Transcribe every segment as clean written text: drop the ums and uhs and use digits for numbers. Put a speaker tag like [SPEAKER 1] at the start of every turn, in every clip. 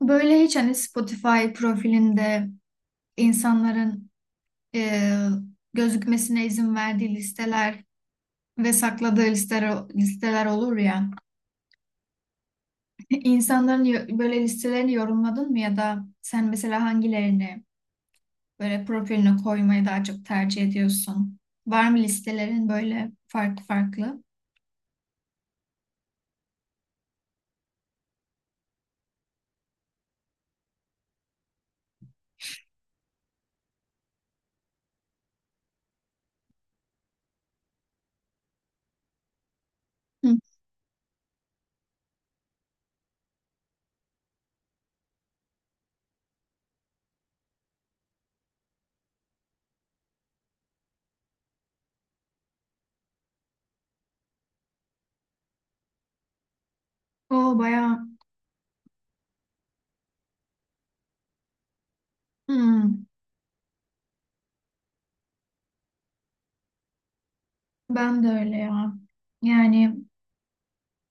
[SPEAKER 1] Böyle hiç hani Spotify profilinde insanların e, gözükmesine izin verdiği listeler ve sakladığı listeler, olur ya. İnsanların böyle listelerini yorumladın mı ya da sen mesela hangilerini böyle profiline koymayı daha çok tercih ediyorsun? Var mı listelerin böyle farklı farklı? Hı. O bayağı. Hmm, ben de öyle ya. Yani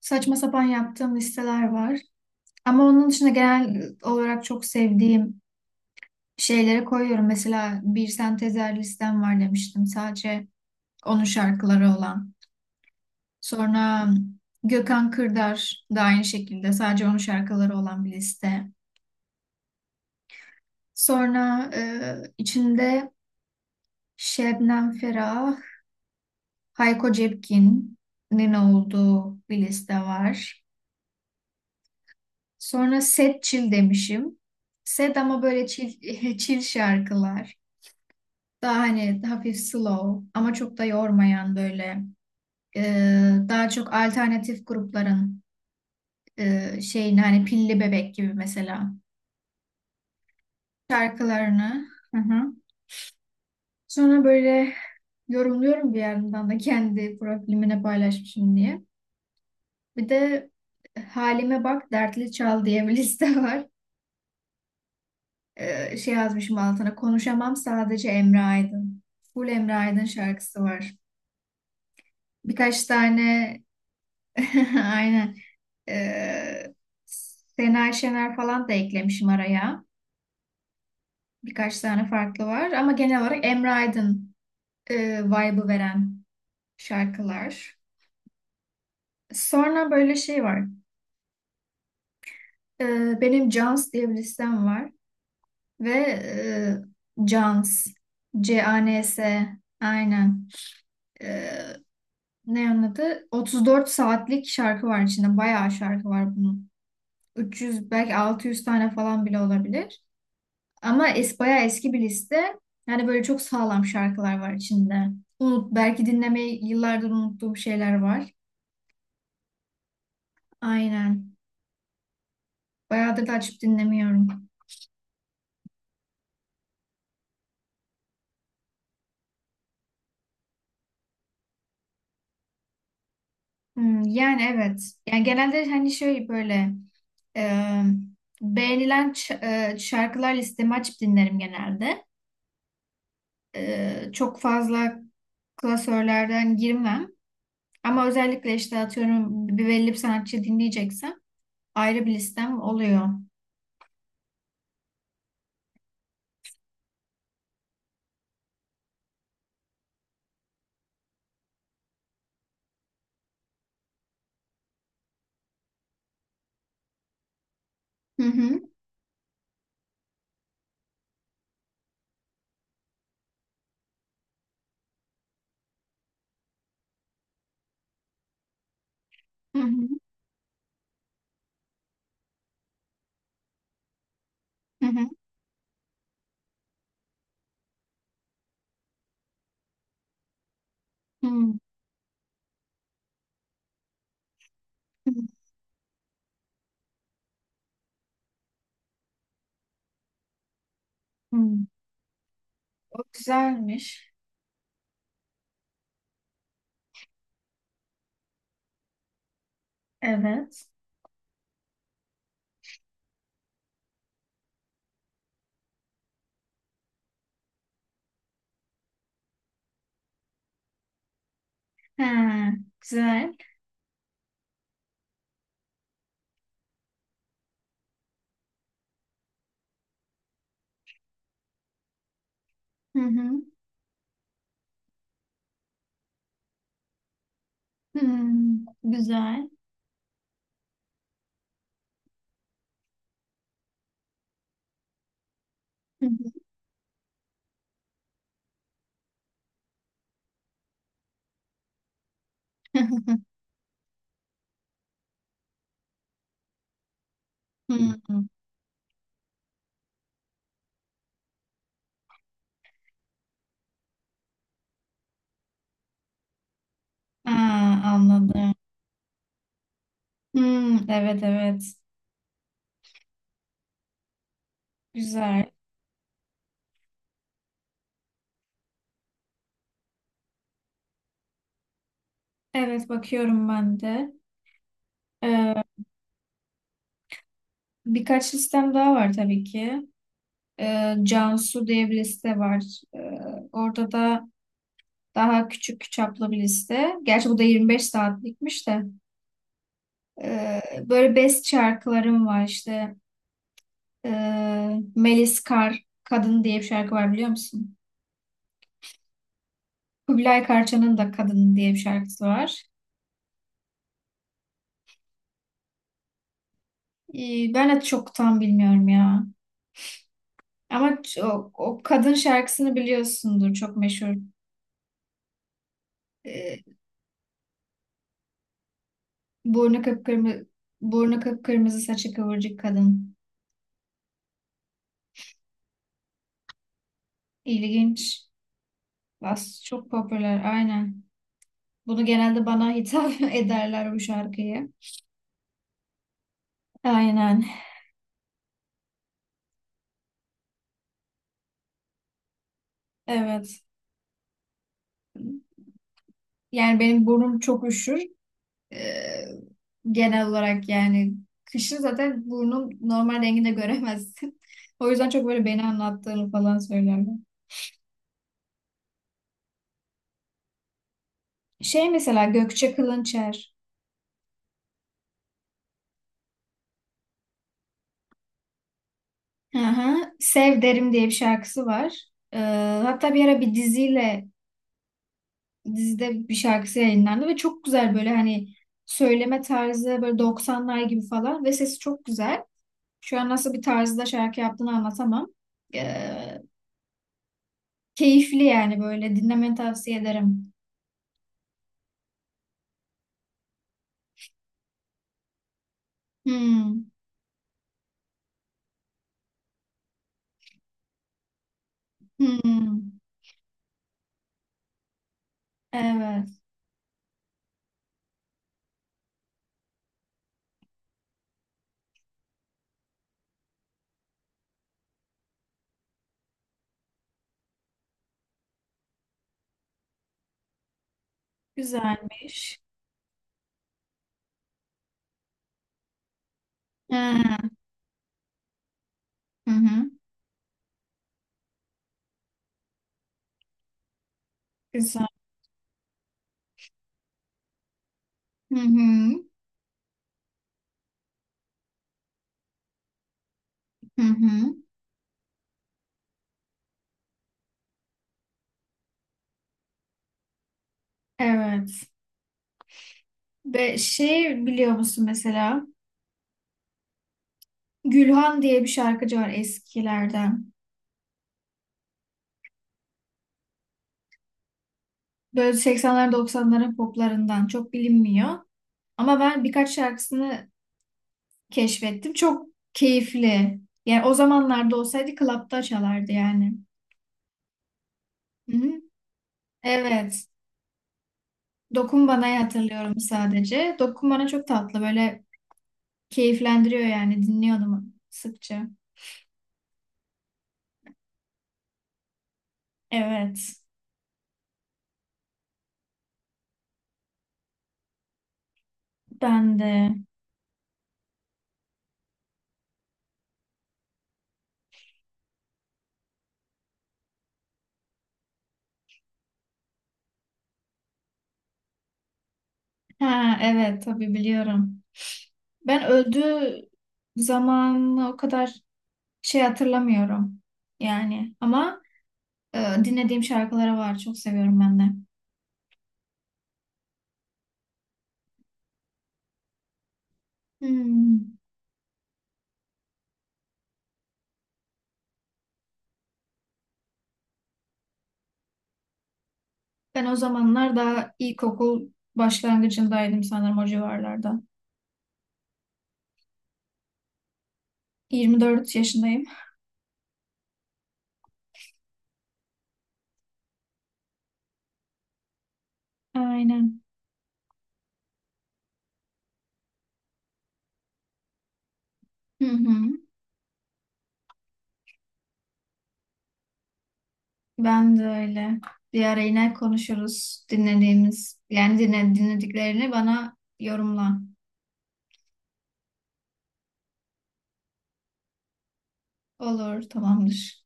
[SPEAKER 1] saçma sapan yaptığım listeler var. Ama onun dışında genel olarak çok sevdiğim şeylere koyuyorum. Mesela bir sentezer listem var demiştim. Sadece onun şarkıları olan. Sonra Gökhan Kırdar da aynı şekilde sadece onun şarkıları olan bir liste. Sonra içinde Şebnem Ferah, Hayko Cepkin'in olduğu bir liste var. Sonra Set Çil demişim. Set ama böyle çil, çil şarkılar. Daha hani hafif slow ama çok da yormayan böyle e, daha çok alternatif grupların şeyini hani Pilli Bebek gibi mesela şarkılarını. Hı hı. Sonra böyle yorumluyorum bir yandan da kendi profilimine paylaşmışım diye. Bir de Halime Bak Dertli Çal diye bir liste var. Şey yazmışım altına konuşamam sadece Emre Aydın. Full Emre Aydın şarkısı var. Birkaç tane aynen. Ee, Sena Şener falan da eklemişim araya. Birkaç tane farklı var ama genel olarak Emre Aydın vibe'ı veren şarkılar. Sonra böyle şey var. Benim Jans diye bir listem var ve e, Cans CANS aynen. Ee, ne onun adı? 34 saatlik şarkı var içinde. Bayağı şarkı var bunun. 300 belki 600 tane falan bile olabilir. Ama bayağı eski bir liste. Yani böyle çok sağlam şarkılar var içinde. Belki dinlemeyi yıllardır unuttuğum şeyler var. Aynen. Bayağıdır da açıp dinlemiyorum. Hmm, yani evet. Yani genelde hani şey böyle e, beğenilen şarkılar listemi açıp dinlerim genelde. Çok fazla klasörlerden girmem. Ama özellikle işte atıyorum bir belli bir sanatçı dinleyeceksem ayrı bir listem oluyor. Hı hı. Hı hı. Hı hı. Hmm, hmm, hmm. O güzelmiş. Evet. He güzel. Hı hı. Hmm, güzel. Hı hı. Hmm. Aa, anladım. Hmm, evet, evet. Güzel. Evet, bakıyorum ben de. Ee, birkaç listem daha var tabii ki. Cansu diye bir liste var. Ee, orada da daha küçük çaplı bir liste. Gerçi bu da 25 saatlikmiş de. Ee, böyle best şarkılarım var işte. Melis Kar Kadın diye bir şarkı var biliyor musun? Kubilay Karça'nın da Kadın diye bir şarkısı var. Ben de çok tam bilmiyorum ya. Ama o kadın şarkısını biliyorsundur. Çok meşhur. Ee, burnu kıpkırmızı, burnu kıpkırmızı, saçı kıvırcık kadın. İlginç. Çok popüler. Aynen. Bunu genelde bana hitap ederler bu şarkıyı. Aynen. Evet. Yani benim burnum çok üşür. Ee, genel olarak yani kışın zaten burnun normal renginde göremezsin. O yüzden çok böyle beni anlattığını falan söylerler. Şey mesela Gökçe Kılınçer. Hı hı. Sev Derim diye bir şarkısı var. Ee, hatta bir ara bir diziyle dizide bir şarkısı yayınlandı ve çok güzel böyle hani söyleme tarzı böyle doksanlar gibi falan ve sesi çok güzel. Şu an nasıl bir tarzda şarkı yaptığını anlatamam. Ee, keyifli yani böyle dinlemeni tavsiye ederim. Hmm. Hmm, evet. Güzelmiş. Ha, hı hı. Güzel. Hı hı. Hı hı. Evet. Ve şey biliyor musun mesela? Gülhan diye bir şarkıcı var eskilerden. Böyle 80'ler, 90'ların poplarından çok bilinmiyor. Ama ben birkaç şarkısını keşfettim. Çok keyifli. Yani o zamanlarda olsaydı klapta çalardı yani. Hı hı. Evet. Dokun Bana'yı hatırlıyorum sadece. Dokun Bana çok tatlı, böyle keyiflendiriyor yani, dinliyordum sıkça. Evet. Ben de. Ha, evet, tabii biliyorum. Ben öldüğü zaman o kadar şey hatırlamıyorum. Yani ama e, dinlediğim şarkıları var. Çok seviyorum ben de. Hmm. Ben o zamanlar daha ilkokul başlangıcındaydım sanırım, o civarlarda. 24 yaşındayım. Aynen. Hı hı. Ben de öyle. Bir ara yine konuşuruz dinlediğimiz, yani dinlediklerini bana yorumla. Olur, tamamdır.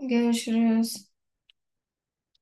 [SPEAKER 1] Görüşürüz.